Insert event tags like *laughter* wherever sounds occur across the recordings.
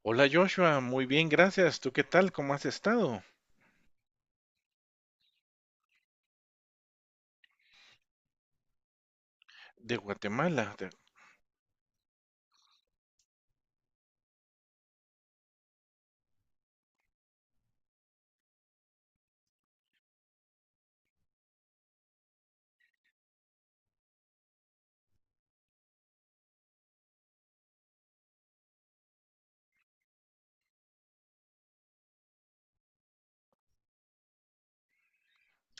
Hola Joshua, muy bien, gracias. ¿Tú qué tal? ¿Cómo has estado? De Guatemala.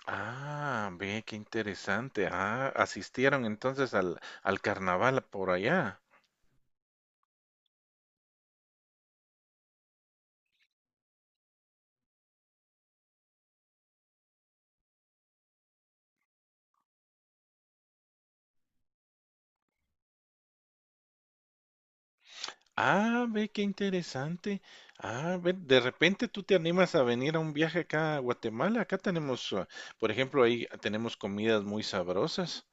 Ah, ve, qué interesante. Ah, asistieron entonces al carnaval por allá. Ah, ve, qué interesante. Ah, ve, de repente tú te animas a venir a un viaje acá a Guatemala. Acá tenemos, por ejemplo, ahí tenemos comidas muy sabrosas.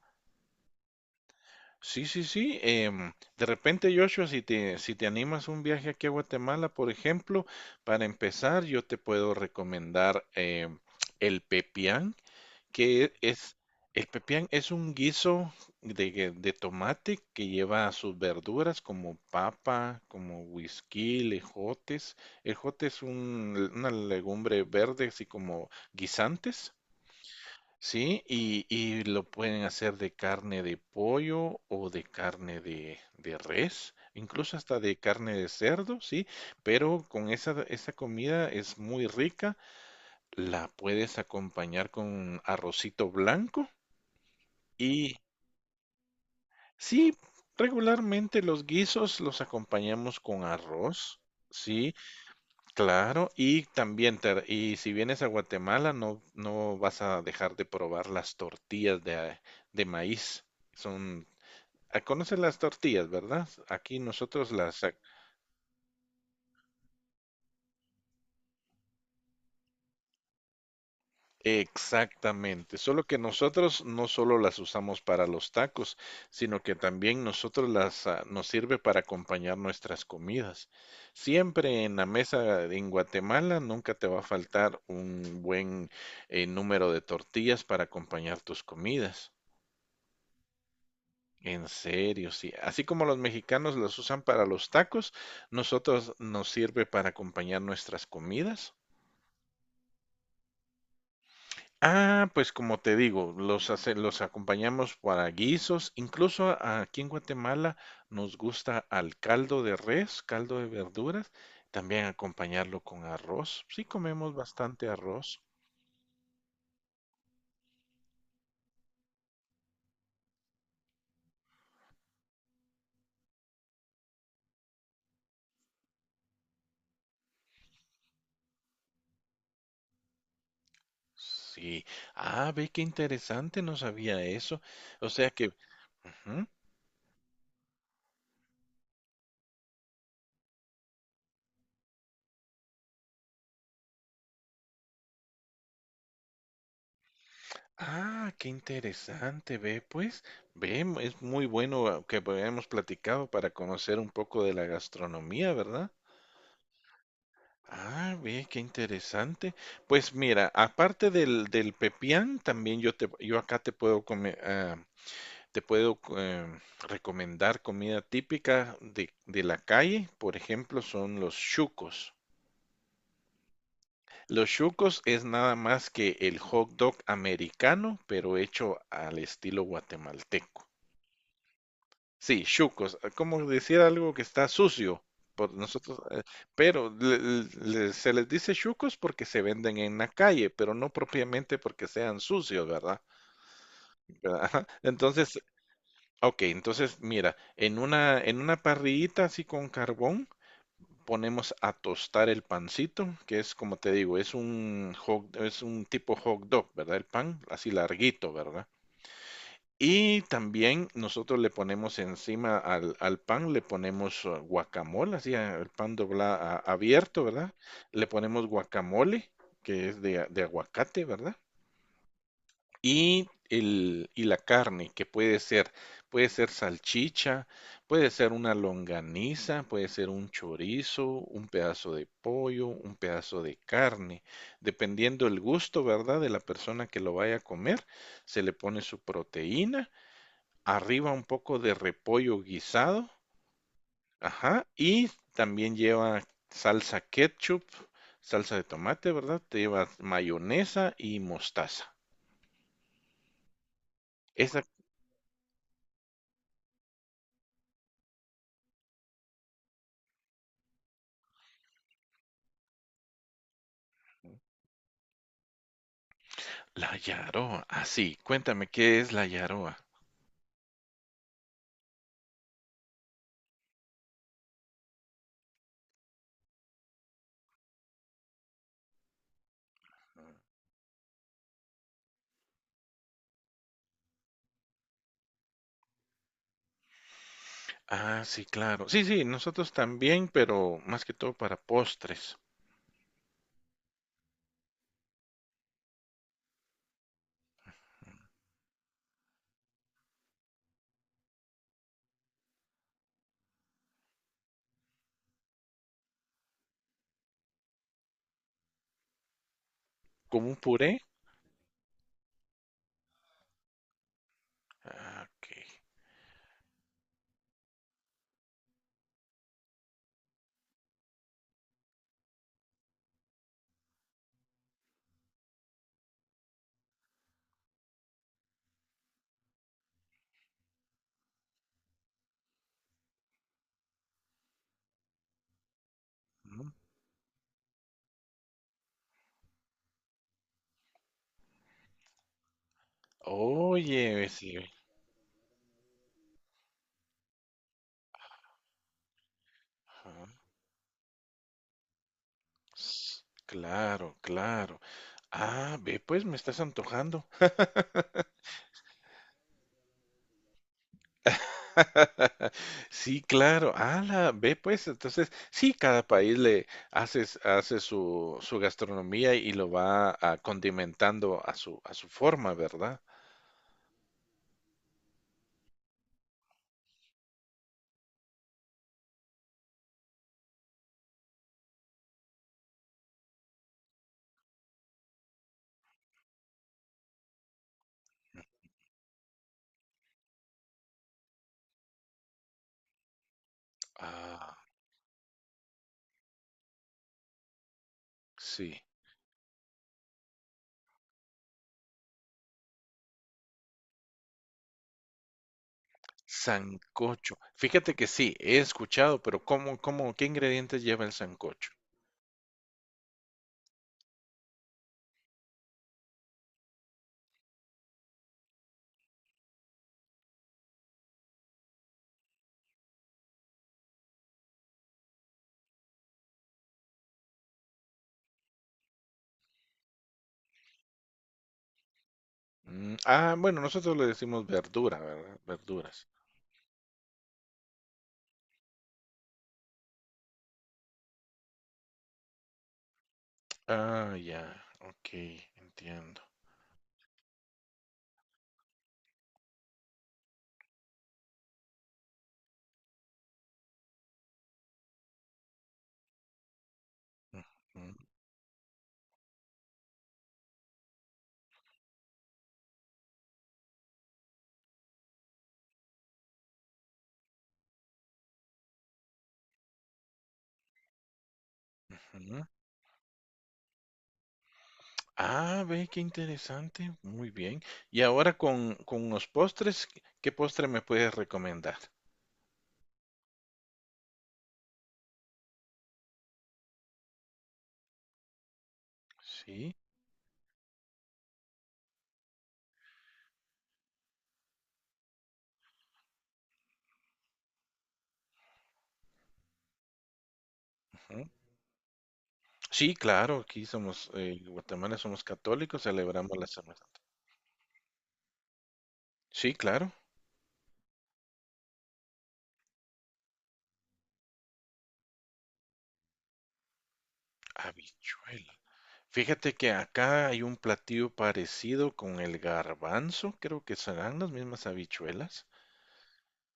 Sí, sí, sí. De repente, Joshua, si te animas un viaje aquí a Guatemala, por ejemplo, para empezar, yo te puedo recomendar el pepián, que es, el pepián es un guiso de tomate que lleva sus verduras como papa, como whisky, ejotes. El jote es una legumbre verde, así como guisantes. Sí, y lo pueden hacer de carne de pollo o de carne de res, incluso hasta de carne de cerdo, sí, pero con esa comida es muy rica, la puedes acompañar con arrocito blanco y sí, regularmente los guisos los acompañamos con arroz, sí. Claro, y también, y si vienes a Guatemala, no, no vas a dejar de probar las tortillas de maíz. Son, conoces las tortillas, ¿verdad? Aquí nosotros las. Exactamente, solo que nosotros no solo las usamos para los tacos, sino que también nosotros nos sirve para acompañar nuestras comidas. Siempre en la mesa en Guatemala nunca te va a faltar un buen número de tortillas para acompañar tus comidas. En serio, sí. Así como los mexicanos las usan para los tacos, nosotros nos sirve para acompañar nuestras comidas. Ah, pues como te digo, los acompañamos para guisos. Incluso aquí en Guatemala nos gusta al caldo de res, caldo de verduras, también acompañarlo con arroz. Sí, comemos bastante arroz. Sí. Ah, ve qué interesante, no sabía eso. O sea que. Ujú. Ah, qué interesante, ve pues. Ve, es muy bueno que hayamos platicado para conocer un poco de la gastronomía, ¿verdad? Ah, ve, qué interesante. Pues mira, aparte del pepián, también yo acá te puedo te puedo recomendar comida típica de la calle. Por ejemplo, son los chucos. Los chucos es nada más que el hot dog americano, pero hecho al estilo guatemalteco. Sí, chucos, como decir algo que está sucio por nosotros, pero se les dice chucos porque se venden en la calle, pero no propiamente porque sean sucios, ¿verdad? *laughs* ¿Verdad? Ajá. Entonces, ok, entonces mira, en una parrillita así con carbón ponemos a tostar el pancito, que es como te digo, es es un tipo hot dog, ¿verdad? El pan así larguito, ¿verdad? Y también nosotros le ponemos encima al pan, le ponemos guacamole, así el pan dobla abierto, ¿verdad? Le ponemos guacamole, que es de aguacate, ¿verdad? Y la carne, que puede ser salchicha, puede ser una longaniza, puede ser un chorizo, un pedazo de pollo, un pedazo de carne, dependiendo el gusto, ¿verdad? De la persona que lo vaya a comer, se le pone su proteína arriba un poco de repollo guisado, ajá, y también lleva salsa ketchup, salsa de tomate, ¿verdad? Te lleva mayonesa y mostaza. Esa, la yaroa, sí, cuéntame, ¿qué es la yaroa? Ah, sí, claro. Sí, sí, nosotros también, pero más que todo para postres, como un puré. Ah, ok. Ujú. Oye, sí. Ajá. S- Claro, claro. Ah, ve, pues me estás antojando. *laughs* Sí, claro. la Ve pues, entonces, sí, cada país hace su gastronomía y lo va condimentando a su forma, ¿verdad? Ah, sí. Sancocho. Fíjate que sí, he escuchado, pero qué ingredientes lleva el sancocho? Bueno, nosotros le decimos verdura, ¿verdad? Verduras. Ah, ya, ok, entiendo. Ujú, ujú. Ah, ve, qué interesante. Muy bien. Y ahora con los postres, ¿qué postre me puedes recomendar? Sí, ujú. Sí, claro, en Guatemala somos católicos, celebramos la Semana Santa. Sí, claro, habichuela. Fíjate que acá hay un platillo parecido con el garbanzo, creo que serán las mismas habichuelas.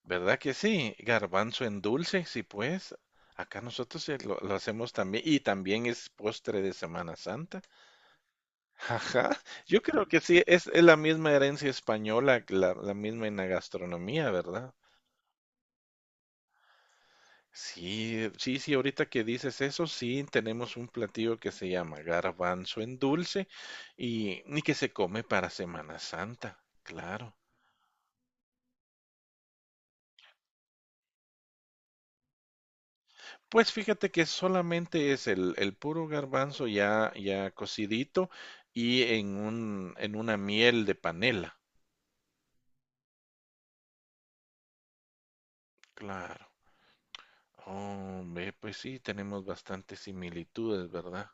¿Verdad que sí? Garbanzo en dulce, sí pues. Acá nosotros lo hacemos también y también es postre de Semana Santa. Ajá. Yo creo que sí, es la misma herencia española, la misma en la gastronomía, ¿verdad? Sí, sí, sí, ahorita que dices eso, sí, tenemos un platillo que se llama garbanzo en dulce y que se come para Semana Santa, claro. Pues fíjate que solamente es el puro garbanzo ya cocidito y en una miel de panela, claro. Oh, ve, pues sí, tenemos bastantes similitudes, ¿verdad?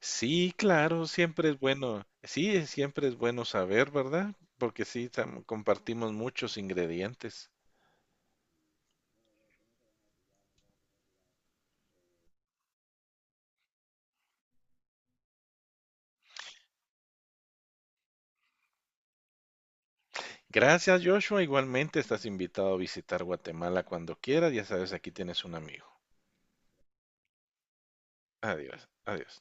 Sí, claro, siempre es bueno. Sí, siempre es bueno saber, ¿verdad? Porque sí, compartimos muchos ingredientes. Gracias, Joshua. Igualmente estás invitado a visitar Guatemala cuando quieras. Ya sabes, aquí tienes un amigo. Adiós, adiós.